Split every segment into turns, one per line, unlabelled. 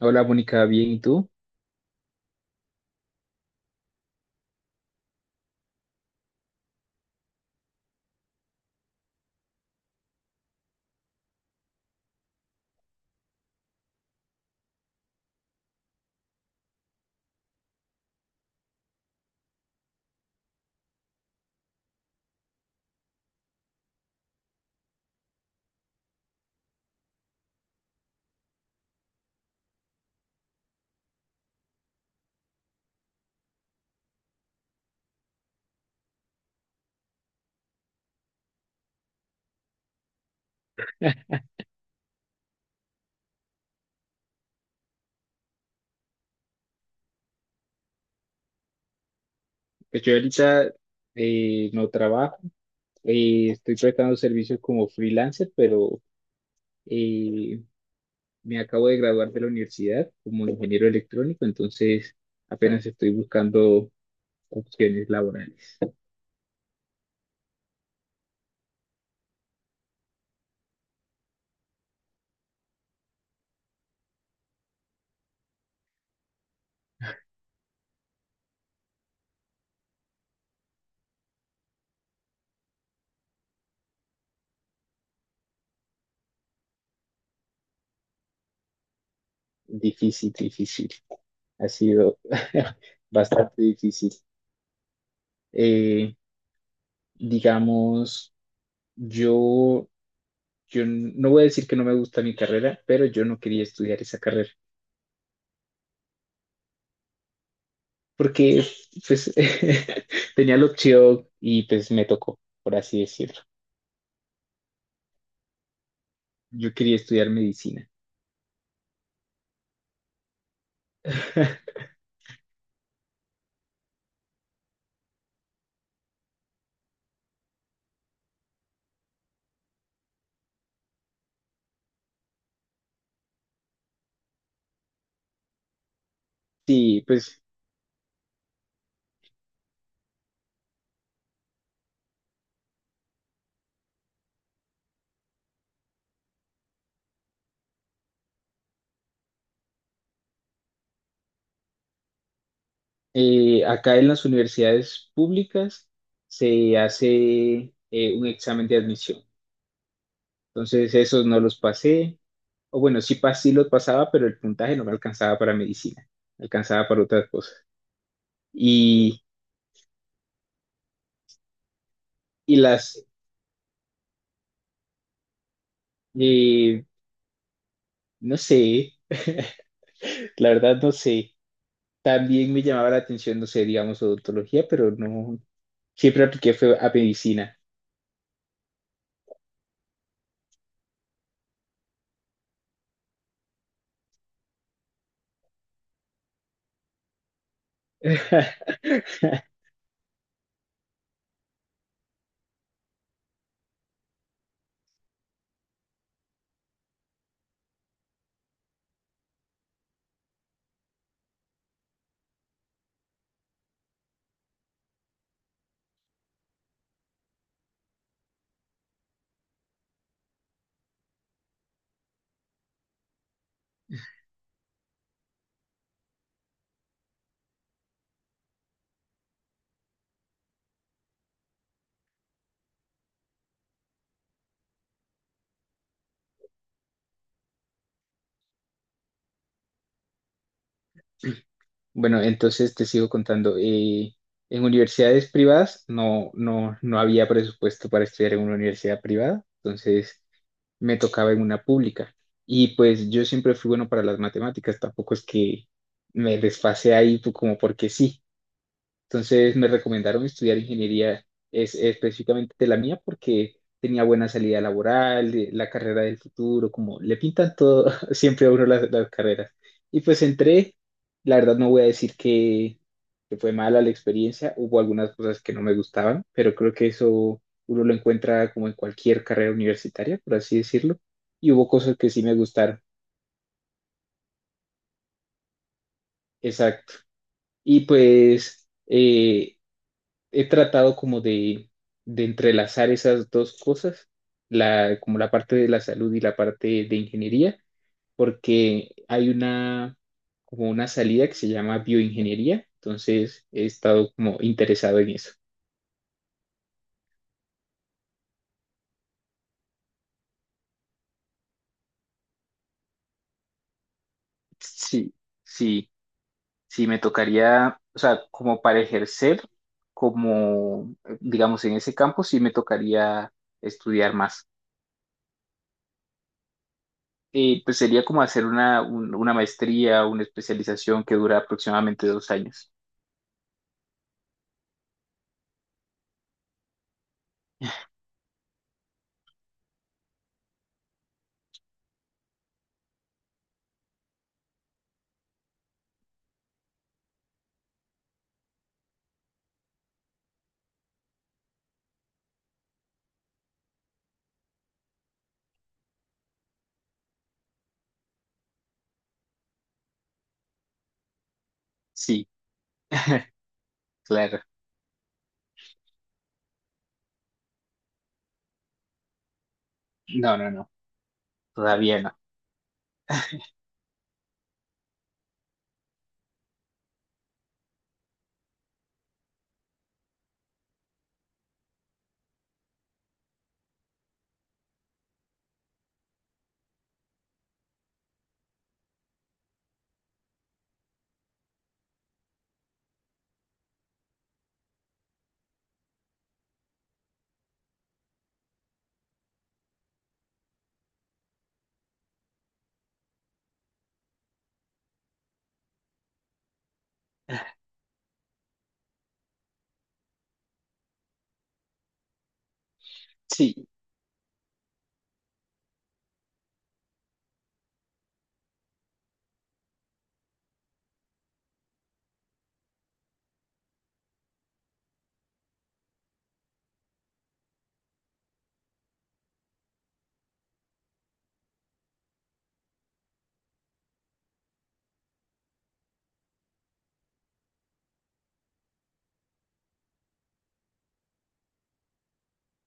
Hola, Mónica, bien, ¿y tú? Pues yo ahorita no trabajo. Estoy prestando servicios como freelancer, pero eh, me acabo de graduar de la universidad como ingeniero electrónico, entonces apenas estoy buscando opciones laborales. Difícil, difícil. Ha sido bastante difícil. Eh, digamos, yo, yo no voy a decir que no me gusta mi carrera, pero yo no quería estudiar esa carrera. Porque pues tenía la opción y pues me tocó, por así decirlo. Yo quería estudiar medicina. Sí, pues acá en las universidades públicas se hace un examen de admisión. Entonces esos no los pasé, o bueno, sí, sí los pasaba, pero el puntaje no me alcanzaba para medicina, me alcanzaba para otras cosas. Y, y las, eh, no sé, la verdad no sé. También me llamaba la atención, no sé, digamos, odontología, pero no, siempre apliqué fue a medicina. Bueno, entonces te sigo contando. En universidades privadas no había presupuesto para estudiar en una universidad privada, entonces me tocaba en una pública. Y pues yo siempre fui bueno para las matemáticas, tampoco es que me desfase ahí como porque sí. Entonces me recomendaron estudiar ingeniería específicamente de la mía porque tenía buena salida laboral, la carrera del futuro, como le pintan todo siempre a uno las carreras. Y pues entré, la verdad no voy a decir que fue mala la experiencia, hubo algunas cosas que no me gustaban, pero creo que eso uno lo encuentra como en cualquier carrera universitaria, por así decirlo, y hubo cosas que sí me gustaron, exacto. Y pues... he tratado como de entrelazar esas dos cosas, como la parte de la salud y la parte de ingeniería, porque hay como una salida que se llama bioingeniería, entonces he estado como interesado en eso. Sí, sí, sí, me tocaría, o sea, como para ejercer, como, digamos, en ese campo, sí me tocaría estudiar más. Pues sería como hacer una maestría, una especialización que dura aproximadamente 2 años. Sí, claro. No, no, no, todavía no. Sí.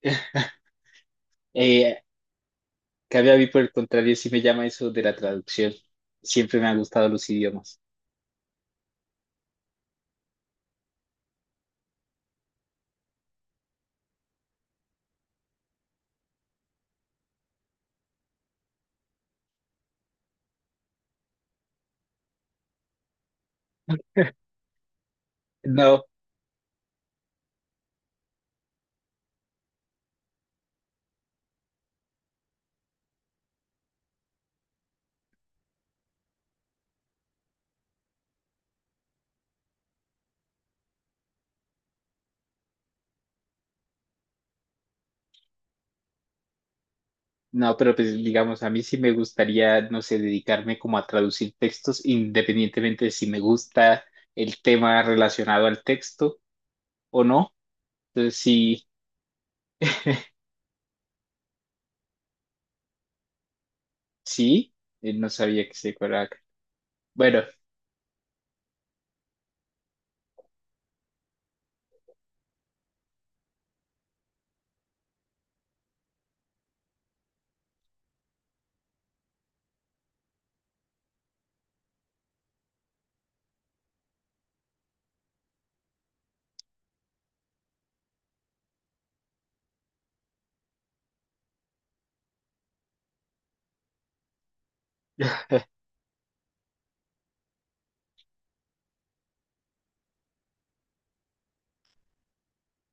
Eh, Cambio a mí por el contrario, sí me llama eso de la traducción. Siempre me han gustado los idiomas. No, no, pero pues digamos, a mí sí me gustaría, no sé, dedicarme como a traducir textos independientemente de si me gusta el tema relacionado al texto o no. Entonces sí, sí, no sabía que se fuera. Bueno,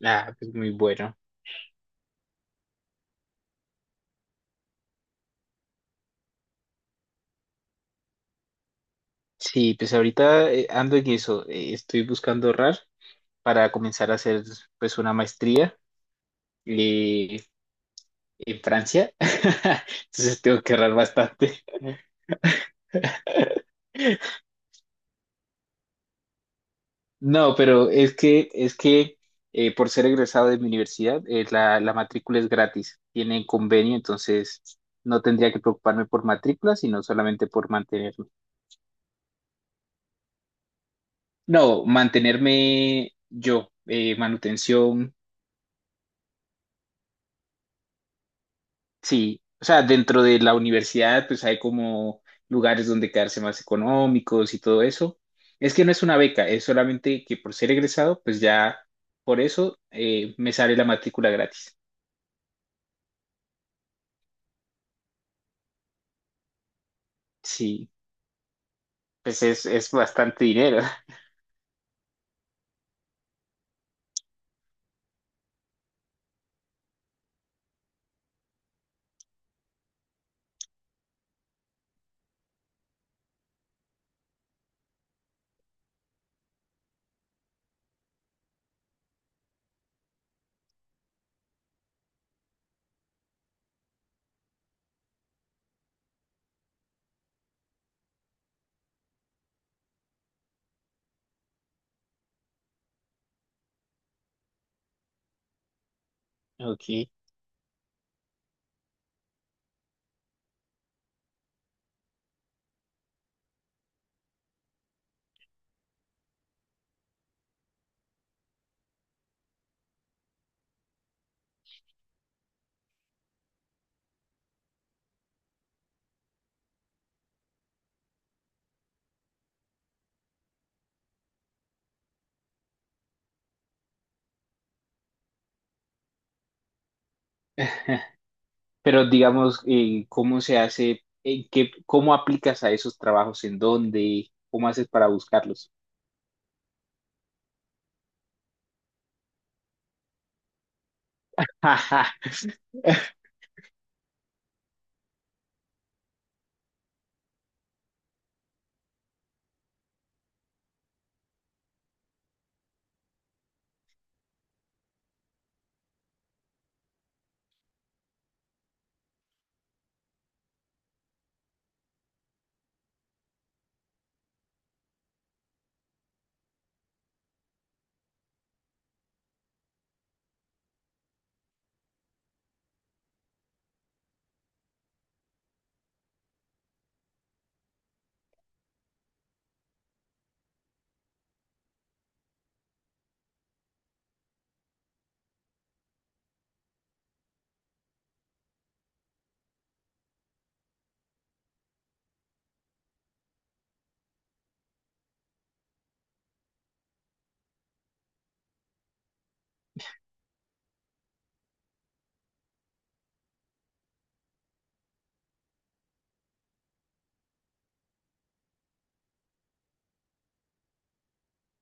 ah, pues muy bueno. Sí, pues ahorita ando en eso. Estoy buscando ahorrar para comenzar a hacer pues una maestría eh, en Francia. Entonces tengo que ahorrar bastante. No, pero es que por ser egresado de mi universidad, la matrícula es gratis. Tienen convenio, entonces no tendría que preocuparme por matrícula, sino solamente por mantenerme. No, mantenerme yo, manutención. Sí, o sea, dentro de la universidad, pues hay como lugares donde quedarse más económicos y todo eso. Es que no es una beca, es solamente que por ser egresado, pues ya por eso me sale la matrícula gratis. Sí, pues es bastante dinero. Ok. Pero digamos, ¿cómo se hace? ¿En qué, cómo aplicas a esos trabajos? ¿En dónde? ¿Cómo haces para buscarlos?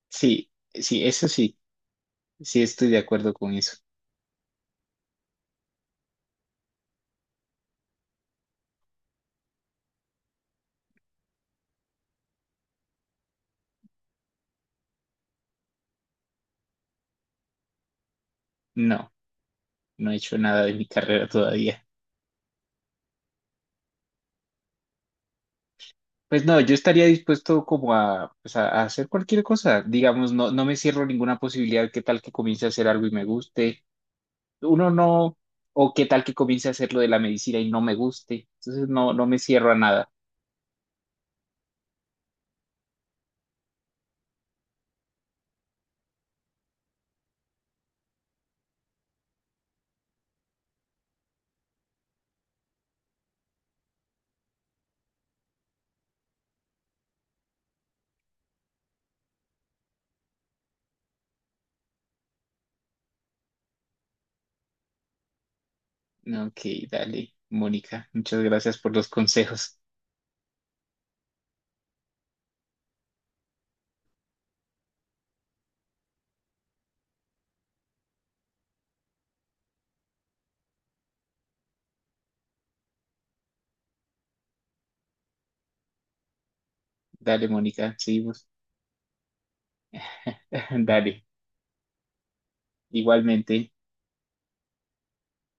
Sí, sí, eso sí, sí estoy de acuerdo con eso. No. No he hecho nada de mi carrera todavía. Pues no, yo estaría dispuesto como a, pues a hacer cualquier cosa. Digamos, no, no me cierro ninguna posibilidad. ¿Qué tal que comience a hacer algo y me guste? Uno no, o qué tal que comience a hacer lo de la medicina y no me guste. Entonces no, no me cierro a nada. No, ok, dale, Mónica. Muchas gracias por los consejos. Dale, Mónica, seguimos. Dale, igualmente.